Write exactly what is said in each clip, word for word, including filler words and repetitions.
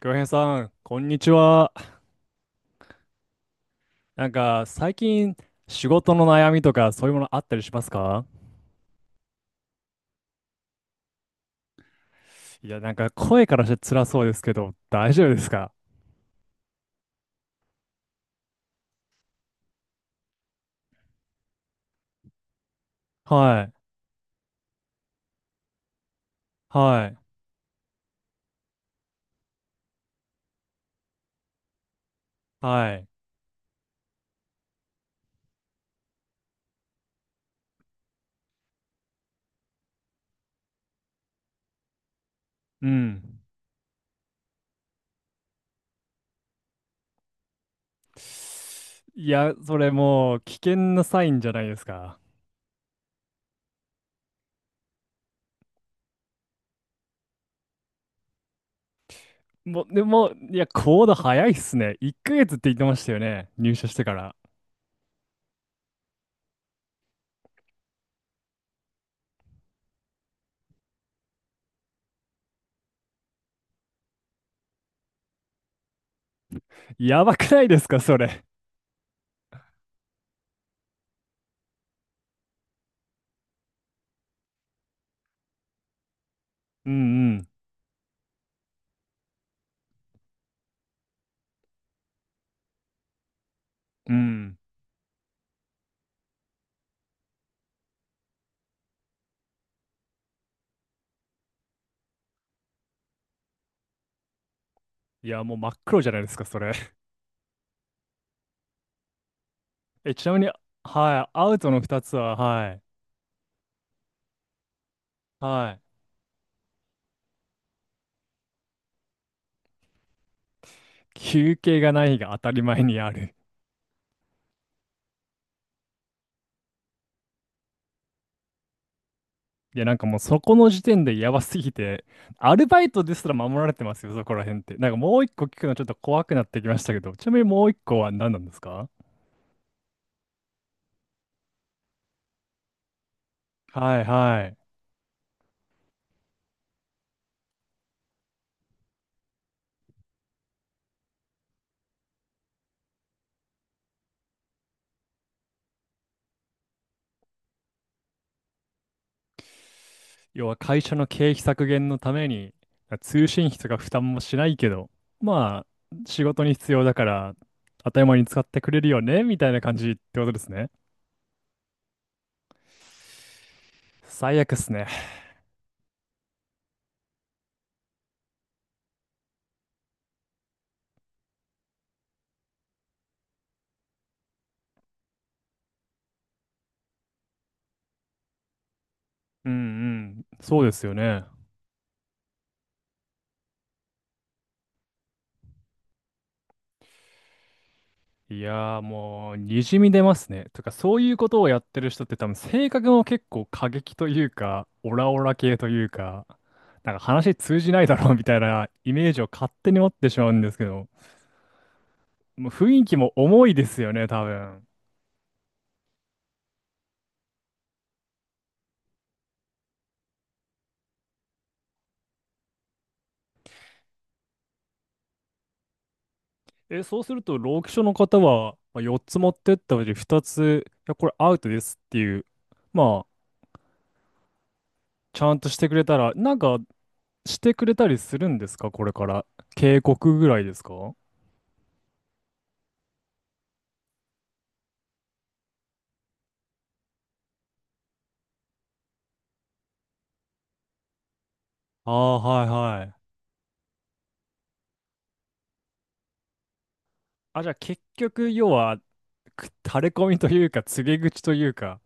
京平さん、こんにちは。なんか、最近、仕事の悩みとか、そういうものあったりしますか？いや、なんか、声からして辛そうですけど、大丈夫ですか？はい、はい、はい、うん。いや、それもう、危険なサインじゃないですか。もう、でも、いや、行動早いっすね。いっかげつって言ってましたよね。入社してから。やばくないですか、それ。うんうん、うん。いや、もう真っ黒じゃないですか、それ。え、ちなみに、はい、アウトのふたつは、はい。はい。休憩がない日が当たり前にある。いや、なんかもうそこの時点でやばすぎて、アルバイトですら守られてますよ、そこら辺って。なんかもう一個聞くのちょっと怖くなってきましたけど、ちなみにもう一個は何なんですか？はいはい。要は会社の経費削減のために、通信費とか負担もしないけど、まあ、仕事に必要だから、当たり前に使ってくれるよね、みたいな感じってことですね。最悪っすね。うんうん。そうですよね。いやーもう、にじみ出ますね。とか、そういうことをやってる人って多分、性格も結構過激というか、オラオラ系というか、なんか話通じないだろうみたいなイメージを勝手に持ってしまうんですけど、もう雰囲気も重いですよね、多分。え、そうすると、労基署の方は、まあ、よっつ持ってったうちふたつ、いや、これアウトですっていう、まあ、ちゃんとしてくれたら、なんか、してくれたりするんですか、これから。警告ぐらいですか？ああー、はいはい。あ、じゃあ結局、要は、く垂れ込みというか、告げ口というか、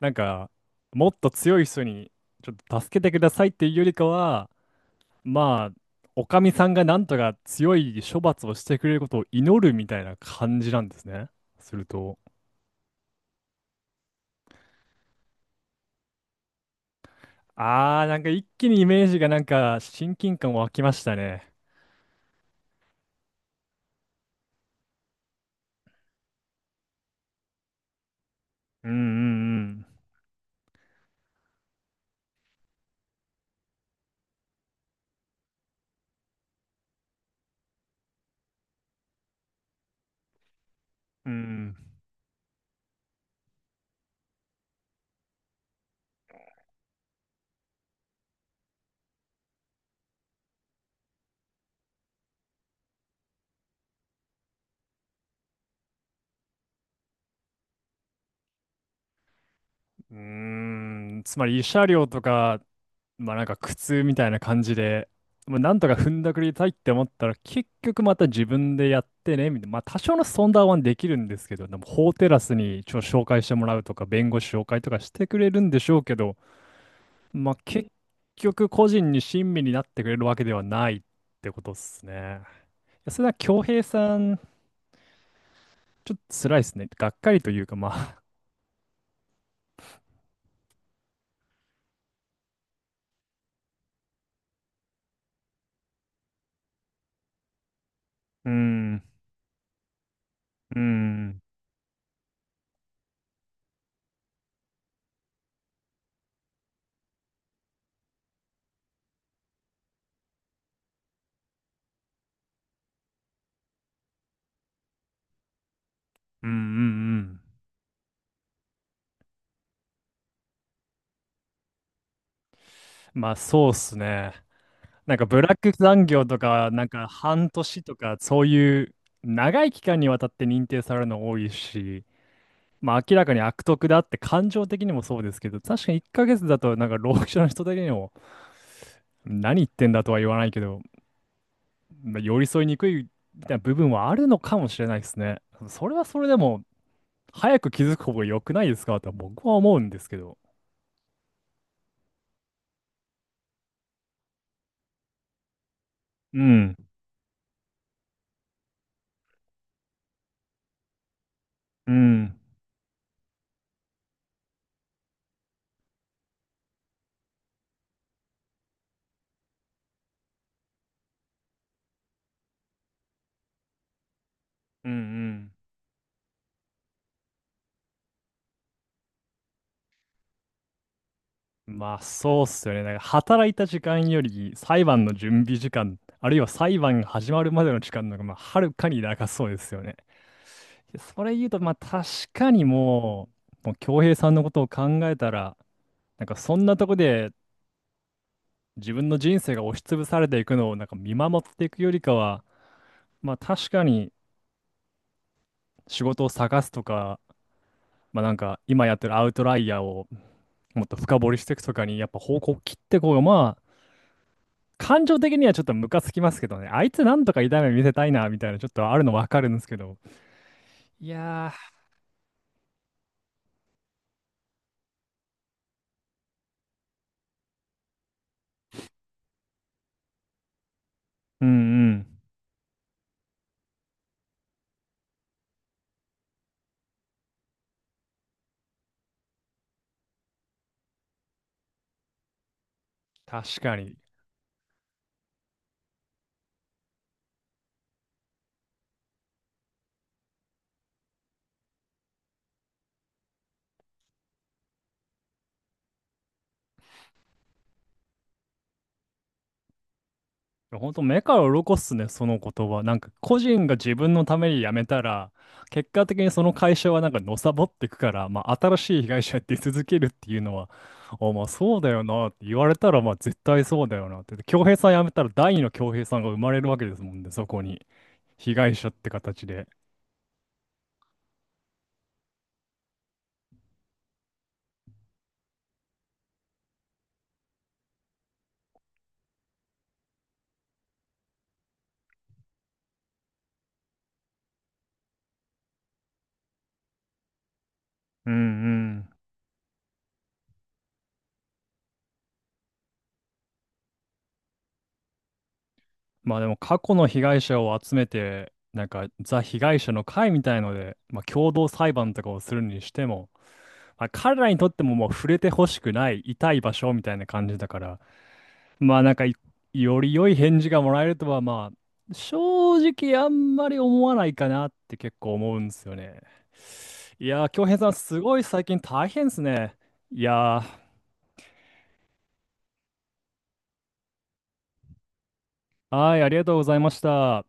なんか、もっと強い人に、ちょっと助けてくださいっていうよりかは、まあ、おかみさんがなんとか強い処罰をしてくれることを祈るみたいな感じなんですね。すると。あー、なんか一気にイメージがなんか、親近感湧きましたね。うんうんうん。うん。うーん、つまり慰謝料とか、まあなんか苦痛みたいな感じで、まあ、なんとか踏んだくりたいって思ったら結局また自分でやってねみたいな、まあ多少のソンダーはできるんですけど、でも法テラスにちょ紹介してもらうとか弁護士紹介とかしてくれるんでしょうけど、まあ結局個人に親身になってくれるわけではないってことっすね。いやそれは恭平さん、ちょっと辛いですね。がっかりというかまあ、うん、うん、うん、うん、うん。まあそうっすね。なんかブラック残業とか、なんか半年とか、そういう長い期間にわたって認定されるの多いし、まあ明らかに悪徳だって感情的にもそうですけど、確かにいっかげつだとなんか労働者の人的にも何言ってんだとは言わないけど、まあ、寄り添いにくいみたいな部分はあるのかもしれないですね。それはそれでも早く気づく方が良くないですかとは僕は思うんですけど。うん、うん、うん、うん。まあそうっすよね。なんか働いた時間より裁判の準備時間、あるいは裁判が始まるまでの時間の方がまあはるかに長そうですよね。でそれ言うと、まあ確かにもう、もう恭平さんのことを考えたら、なんかそんなとこで自分の人生が押しつぶされていくのをなんか見守っていくよりかは、まあ確かに仕事を探すとか、まあなんか今やってるアウトライヤーをもっと深掘りしていくとかにやっぱ方向を切ってこうがまあ感情的にはちょっとムカつきますけどね。あいつなんとか痛み見せたいな、みたいな、ちょっとあるのわかるんですけど。いやー、うんうん。確かに。本当目から鱗っすね、その言葉。なんか、個人が自分のために辞めたら、結果的にその会社はなんかのさぼっていくから、まあ、新しい被害者やって続けるっていうのは、あ、まあ、そうだよなって言われたら、まあ、絶対そうだよなって。恭平さん辞めたら、第二の恭平さんが生まれるわけですもんね、そこに。被害者って形で。うんうん。まあでも過去の被害者を集めて、なんかザ被害者の会みたいので、まあ、共同裁判とかをするにしても、まあ、彼らにとってももう触れてほしくない痛い場所みたいな感じだから、まあなんかいより良い返事がもらえるとはまあ正直あんまり思わないかなって結構思うんですよね。いやー、京平さんすごい最近大変ですね。いやー、はい、ありがとうございました。